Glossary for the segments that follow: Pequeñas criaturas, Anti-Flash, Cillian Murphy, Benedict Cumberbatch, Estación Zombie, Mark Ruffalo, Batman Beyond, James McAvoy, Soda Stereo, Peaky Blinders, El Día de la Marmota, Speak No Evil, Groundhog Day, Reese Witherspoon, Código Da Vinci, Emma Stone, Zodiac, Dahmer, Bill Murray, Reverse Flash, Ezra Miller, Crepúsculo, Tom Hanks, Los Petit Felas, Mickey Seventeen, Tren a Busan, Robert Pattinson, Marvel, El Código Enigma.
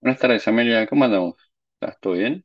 Buenas tardes, Amelia. ¿Cómo andamos? ¿Estás todo bien?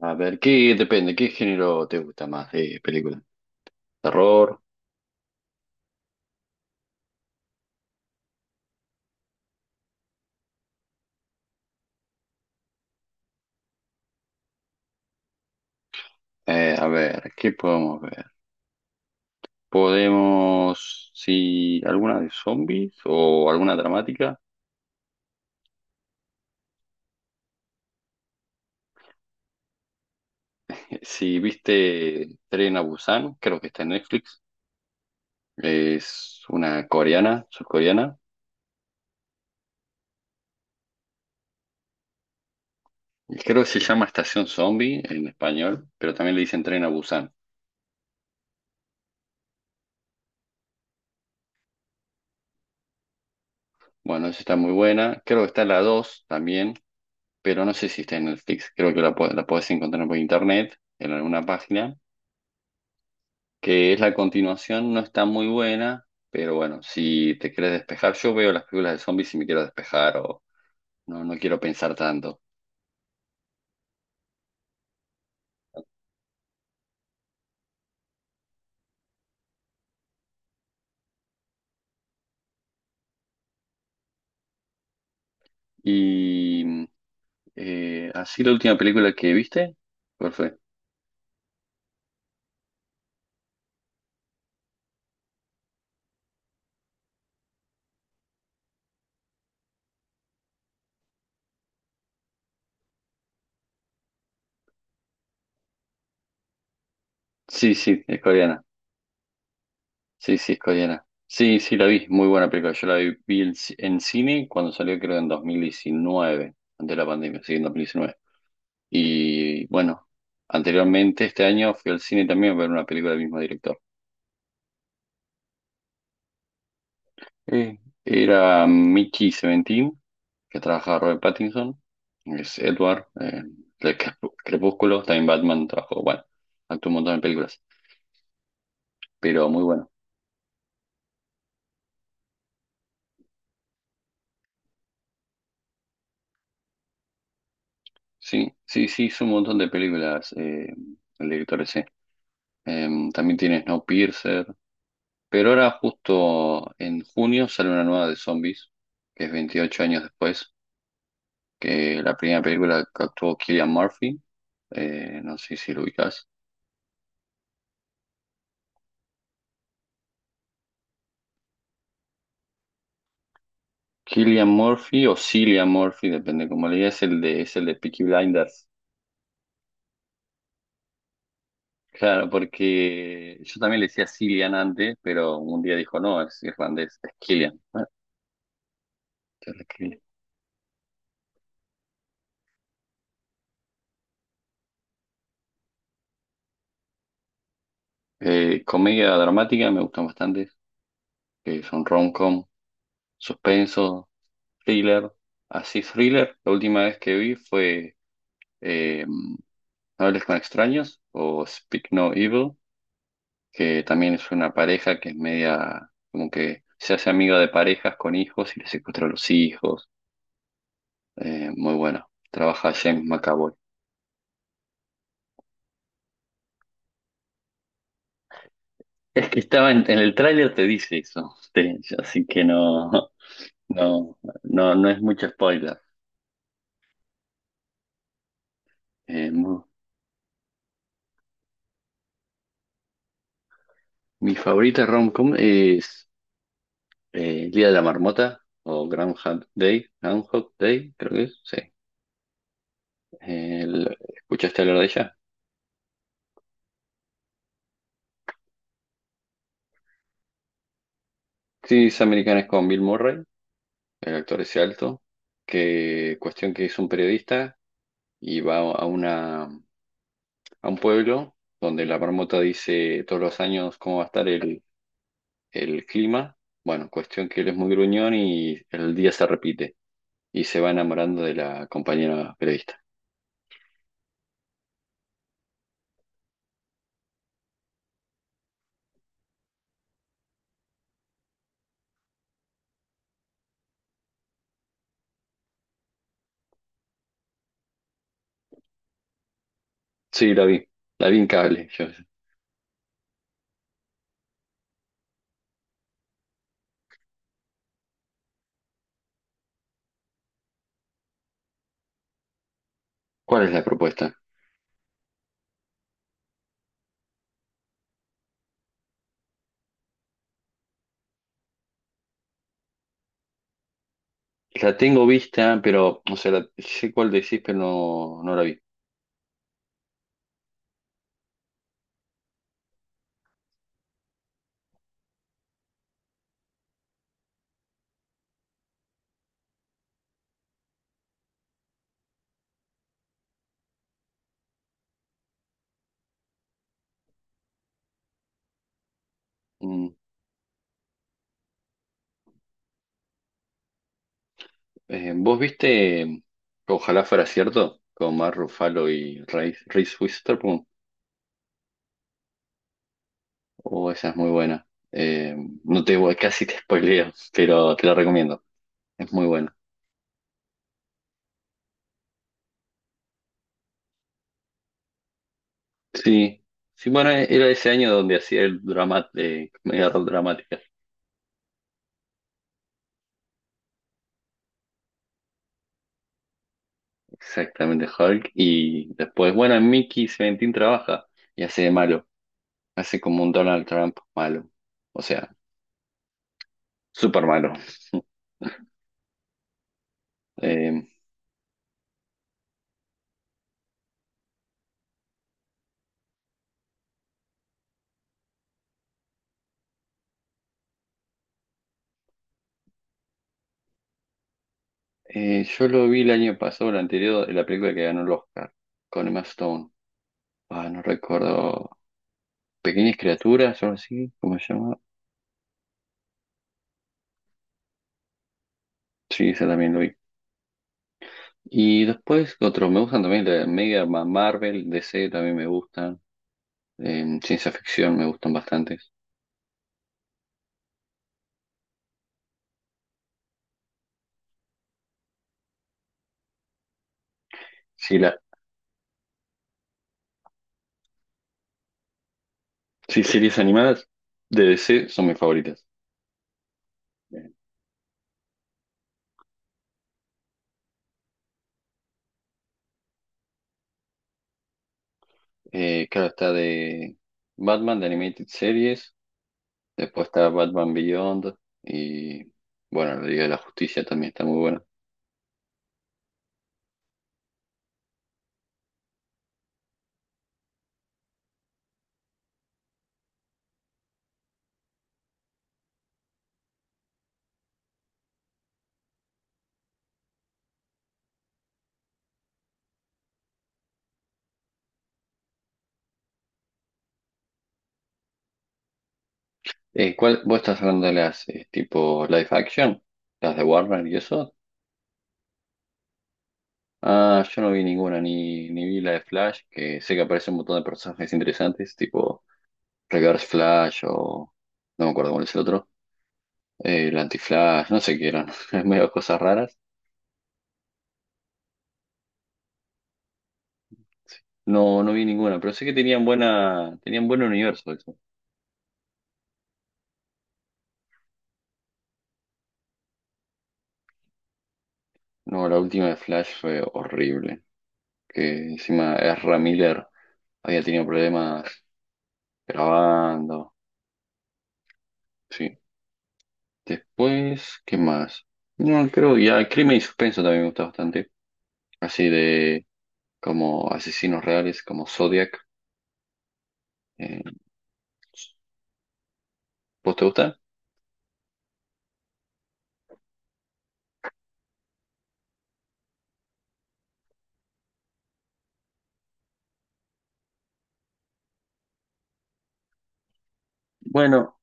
A ver, ¿qué depende? ¿Qué género te gusta más de película? ¿Terror? A ver, ¿qué podemos ver? ¿Podemos, si alguna de zombies o alguna dramática? Si viste Tren a Busan, creo que está en Netflix. Es una coreana, surcoreana. Y creo que se llama Estación Zombie en español, pero también le dicen Tren a Busan. Bueno, esa está muy buena. Creo que está la 2 también, pero no sé si está en Netflix. Creo que la podés encontrar por internet, en alguna página, que es la continuación, no está muy buena, pero bueno, si te quieres despejar, yo veo las películas de zombies y me quiero despejar o no, no quiero pensar tanto. Y así la última película que viste, ¿cuál fue? Sí, sí, es coreana. Sí, sí, es coreana. Sí, sí, la vi, muy buena película. Yo la vi en, en cine cuando salió, creo, en 2019, antes de la pandemia, sí, en 2019. Y bueno, anteriormente este año fui al cine también a ver una película del mismo director. Eh, era Mickey Seventeen, que trabaja Robert Pattinson, es Edward, de Crepúsculo, también Batman trabajó, bueno, actuó un montón de películas, pero muy bueno. Sí, sí, sí, hizo un montón de películas el director ese. Eh, también tiene Snowpiercer, pero ahora justo en junio sale una nueva de zombies, que es 28 años después, que la primera película que actuó Cillian Murphy, no sé si lo ubicas. Cillian Murphy o Cillian Murphy, depende cómo le digas, es el de Peaky Blinders. Claro, porque yo también le decía Cillian antes, pero un día dijo, no, es irlandés, es Cillian. Bueno, ya le escribí. Comedia dramática me gustan bastante, que son rom-com, suspenso, thriller, así thriller. La última vez que vi fue eh, No hables con extraños o Speak No Evil, que también es una pareja que es media, como que se hace amiga de parejas con hijos y le secuestra a los hijos. Muy bueno. Trabaja James McAvoy. Es que estaba en el tráiler te dice eso, así que no, no, no, no es mucho spoiler. Eh, mu- mi favorita rom-com es El Día de la Marmota o Groundhog Day, Groundhog Day, creo que es, sí. ¿Escuchaste hablar de ella? Sí, es americana, es con Bill Murray, el actor ese alto, que cuestión que es un periodista y va a un pueblo donde la marmota dice todos los años cómo va a estar el clima. Bueno, cuestión que él es muy gruñón y el día se repite y se va enamorando de la compañera periodista. Sí, la vi en cable yo. ¿Cuál es la propuesta? La tengo vista, pero, o sea, sé cuál decís, pero no, no la vi. Mm. ¿Vos viste, ojalá fuera cierto, con Mark Ruffalo y Reese Witherspoon? Oh, esa es muy buena. Eh, no te voy, casi te spoileo, pero te la recomiendo. Es muy buena. Sí, sí, bueno, era ese año donde hacía el drama, comedia rock dramática. Exactamente, Hulk. Y después, bueno, en Mickey Seventeen trabaja y hace de malo. Hace como un Donald Trump malo. O sea, súper malo. Eh, yo lo vi el año pasado, el anterior, en la película que ganó el Oscar, con Emma Stone. Ah, no recuerdo. Pequeñas criaturas, algo así, ¿cómo se llama? Sí, esa también lo vi. Y después, otros, me gustan también la Marvel, DC también me gustan. Ciencia ficción me gustan bastantes. Sí, la, sí, series animadas de DC son mis favoritas. Claro, está de Batman, de Animated Series. Después está Batman Beyond. Y bueno, la Liga de la Justicia también está muy buena. ¿Cuál, vos estás hablando de las tipo live action? ¿Las de Warner y eso? Ah, yo no vi ninguna, ni vi la de Flash, que sé que aparece un montón de personajes interesantes, tipo Reverse Flash o no me acuerdo cuál es el otro, el Anti-Flash, no sé qué eran, es medio cosas raras. No, no vi ninguna, pero sé que tenían buena, tenían buen universo eso. No, la última de Flash fue horrible, que encima Ezra Miller había tenido problemas grabando, sí. Después, ¿qué más? No, creo ya crimen y suspenso también me gusta bastante. Así de como asesinos reales, como Zodiac. Eh, ¿Vos te gusta? Bueno,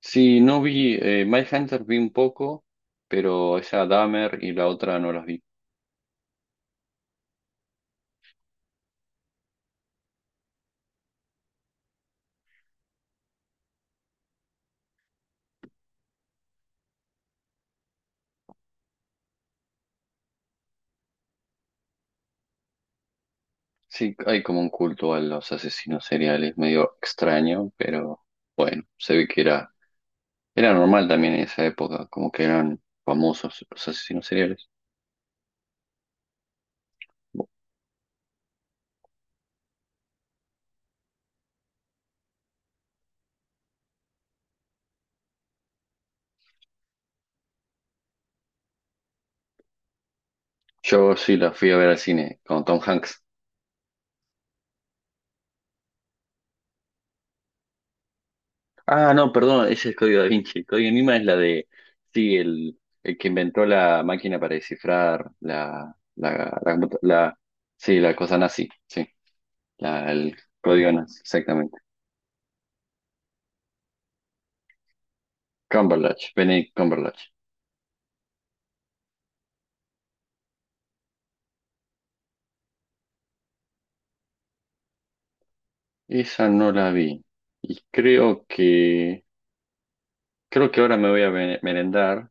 sí, no vi, Hunter vi un poco, pero esa Dahmer y la otra no las vi. Sí, hay como un culto a los asesinos seriales, medio extraño, pero bueno, se ve que era, era normal también en esa época, como que eran famosos los asesinos seriales. Yo sí la fui a ver al cine con Tom Hanks. Ah, no, perdón, ese es Código Da Vinci. El Código Enigma es la de, sí, el que inventó la máquina para descifrar sí, la cosa nazi, sí, el código nazi, exactamente. Cumberbatch, Benedict Cumberbatch. Esa no la vi. Y creo que, creo que ahora me voy a merendar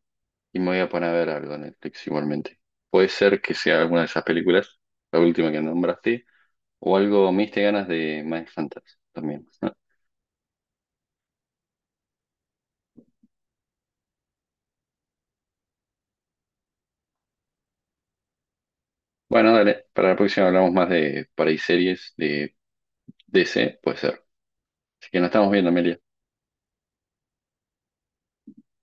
y me voy a poner a ver algo en Netflix igualmente. Puede ser que sea alguna de esas películas, la última que nombraste, o algo, me diste ganas de Mindhunters también. Bueno, dale, para la próxima hablamos más de, por ahí, series de DC, puede ser. Así que nos estamos viendo, Meli.